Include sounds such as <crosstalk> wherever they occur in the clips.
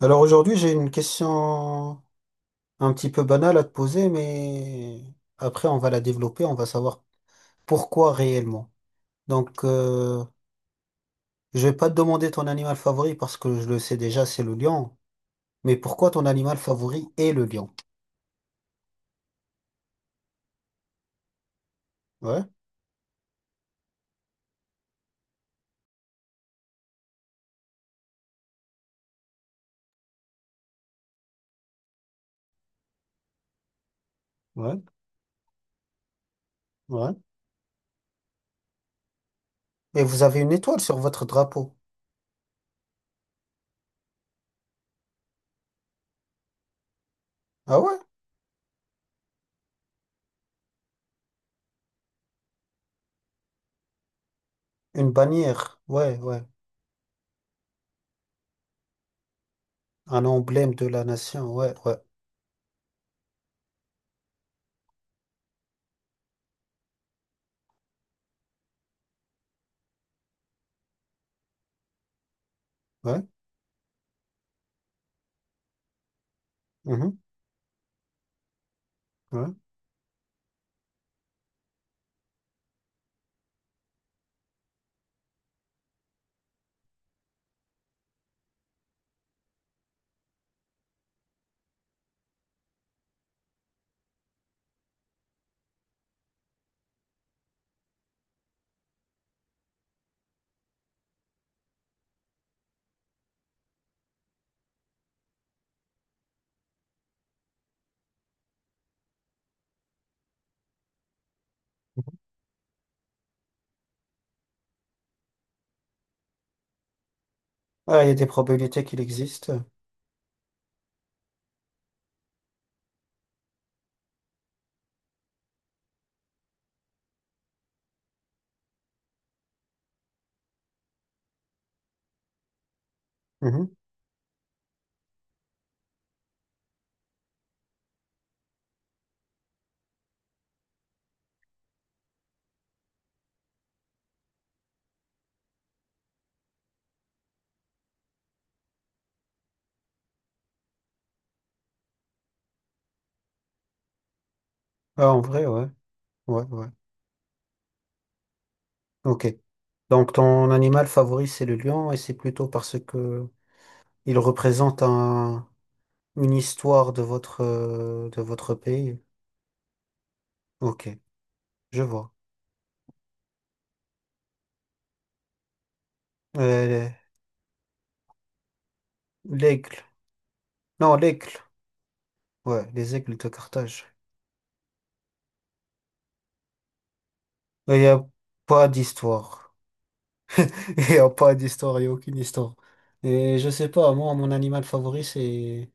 Alors aujourd'hui, j'ai une question un petit peu banale à te poser, mais après, on va la développer, on va savoir pourquoi réellement. Donc, je vais pas te demander ton animal favori parce que je le sais déjà, c'est le lion. Mais pourquoi ton animal favori est le lion? Ouais, ouais, ouais. Et vous avez une étoile sur votre drapeau. Ah ouais? Une bannière. Ouais, ouais. Un emblème de la nation. Ouais, ouais, ouais. Mhm, ouais. Ah, il y a des probabilités qu'il existe. Mhm. Ah, en vrai, ouais, ouais, ouais. Ok. Donc ton animal favori, c'est le lion, et c'est plutôt parce que il représente une histoire de de votre pays. Ok, je vois. Euh, L'aigle. Non, l'aigle. Ouais, les aigles de Carthage. Il n'y a pas d'histoire. <laughs> Il n'y a pas d'histoire, il n'y a aucune histoire. Et je sais pas, moi, mon animal favori, c'est...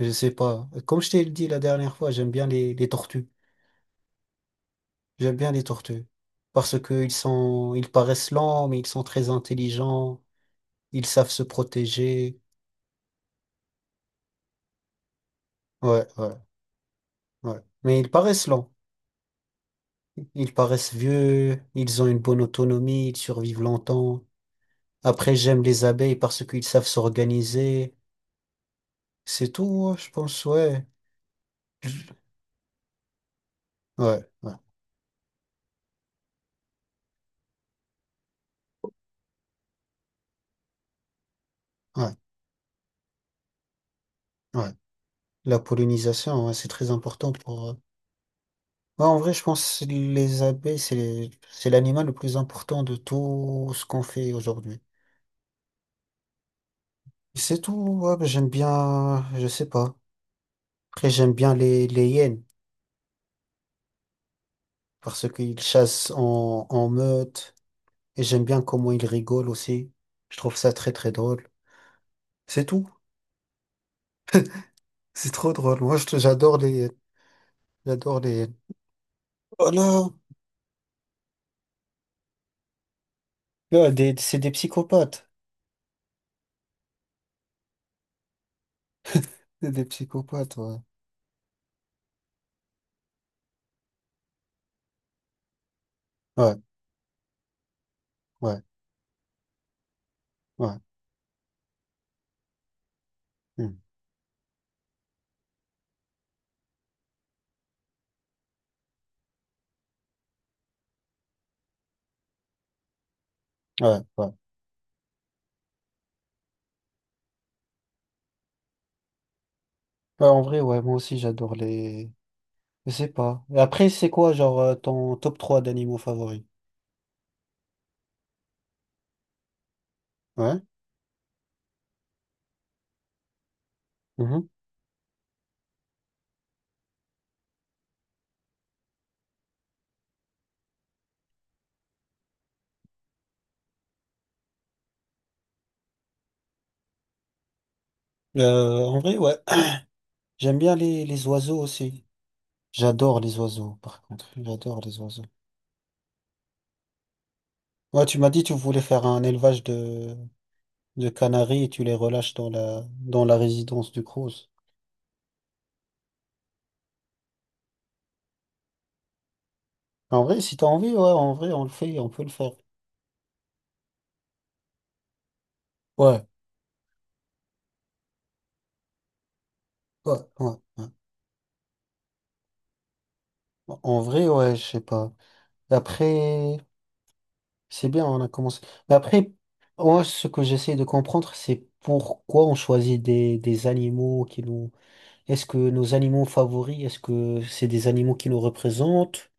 Je sais pas. Comme je t'ai dit la dernière fois, j'aime bien les tortues. J'aime bien les tortues. Parce qu'ils sont... Ils paraissent lents, mais ils sont très intelligents. Ils savent se protéger. Ouais, ouais, ouais. Mais ils paraissent lents. Ils paraissent vieux. Ils ont une bonne autonomie. Ils survivent longtemps. Après, j'aime les abeilles parce qu'ils savent s'organiser. C'est tout, hein, je pense, ouais. Ouais, ouais, ouais, ouais. La pollinisation, ouais, c'est très important pour... ouais, en vrai, je pense que les abeilles, c'est c'est l'animal le plus important de tout ce qu'on fait aujourd'hui. C'est tout, ouais, bah, j'aime bien, je sais pas. Après, j'aime bien les hyènes, parce qu'ils chassent en meute et j'aime bien comment ils rigolent aussi. Je trouve ça très très drôle. C'est tout. C'est trop drôle. Moi, j'adore les, j'adore les. Oh non là, c'est des psychopathes. C'est des psychopathes, ouais. Ouais, ouais, ouais. Hmm, ouais, ouais. Ouais, en vrai, ouais, moi aussi, j'adore les. Je sais pas. Et après, c'est quoi, ton top 3 d'animaux favoris? Ouais. Mhm. En vrai, ouais. J'aime bien les oiseaux aussi. J'adore les oiseaux, par contre. J'adore les oiseaux. Ouais, tu m'as dit tu voulais faire un élevage de canaries et tu les relâches dans la résidence du Crous. En vrai, si t'as envie, ouais, en vrai, on le fait, on peut le faire. Ouais, ouais, ouais, ouais. En vrai, ouais, je sais pas. Après, c'est bien, on a commencé. Mais après, moi, ce que j'essaie de comprendre, c'est pourquoi on choisit des animaux qui nous... Est-ce que nos animaux favoris, est-ce que c'est des animaux qui nous représentent?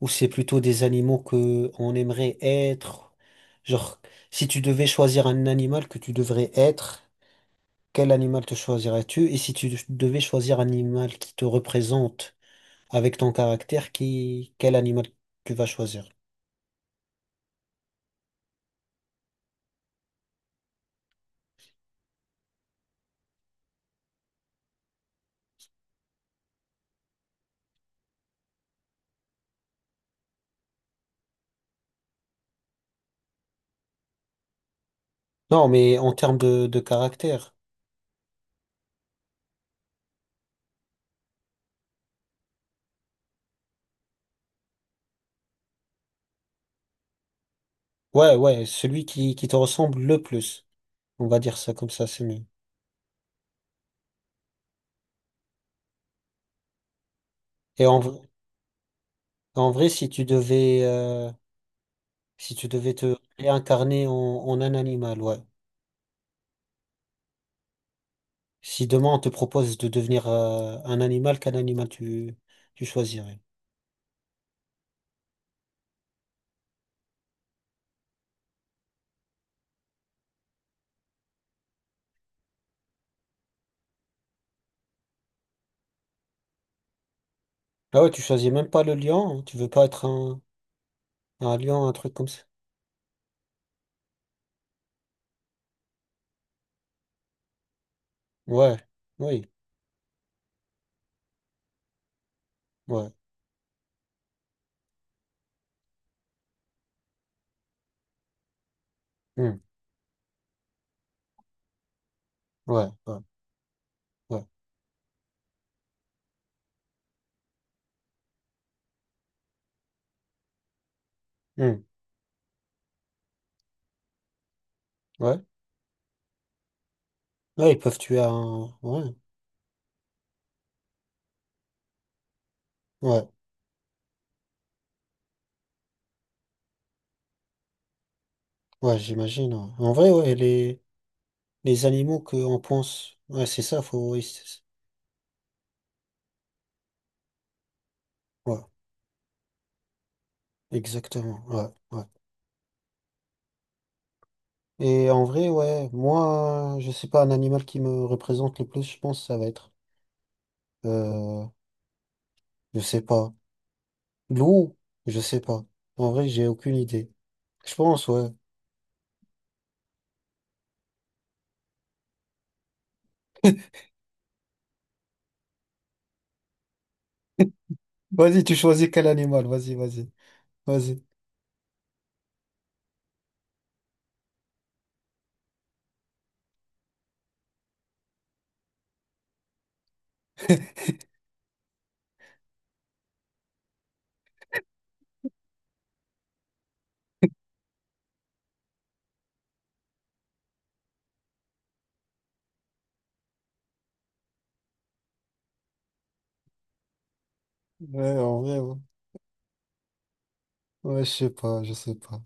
Ou c'est plutôt des animaux que on aimerait être? Genre, si tu devais choisir un animal que tu devrais être, quel animal te choisirais-tu? Et si tu devais choisir un animal qui te représente avec ton caractère, quel animal tu vas choisir? Non, mais en termes de caractère. Ouais, ouais, celui qui te ressemble le plus. On va dire ça comme ça, c'est mieux. Et en, v- En vrai, si tu devais, si tu devais te réincarner en un animal, ouais. Si demain on te propose de devenir un animal, tu choisirais? Ah ouais, tu choisis même pas le lion, hein. Tu veux pas être un lion, un truc comme ça. Ouais, oui, ouais, hmm, ouais, ouais, ouais, hmm, ouais. Ouais, ils peuvent tuer un. Ouais, ouais, ouais, j'imagine. Ouais. En vrai, ouais, les animaux qu'on pense. Ouais, c'est ça, faut. Oui, c'est ça. Ouais, exactement. Ouais, ouais. Et en vrai, ouais, moi, je sais pas, un animal qui me représente le plus, je pense, ça va être. euh, Je sais pas. Loup, je sais pas. En vrai, j'ai aucune idée. Je pense, ouais. <laughs> Vas-y, tu choisis quel animal. Vas-y, vas-y. Vas-y. <laughs> Ouais, en vrai, ouais. Ouais, je sais pas, je sais pas.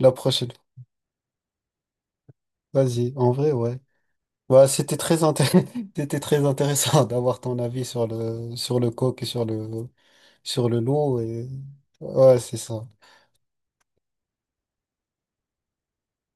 La prochaine. Vas-y, en vrai, ouais. Bah, c'était très intéressant, <laughs> c'était très intéressant <laughs> d'avoir ton avis sur le coq et sur sur le loup et, ouais, c'est ça.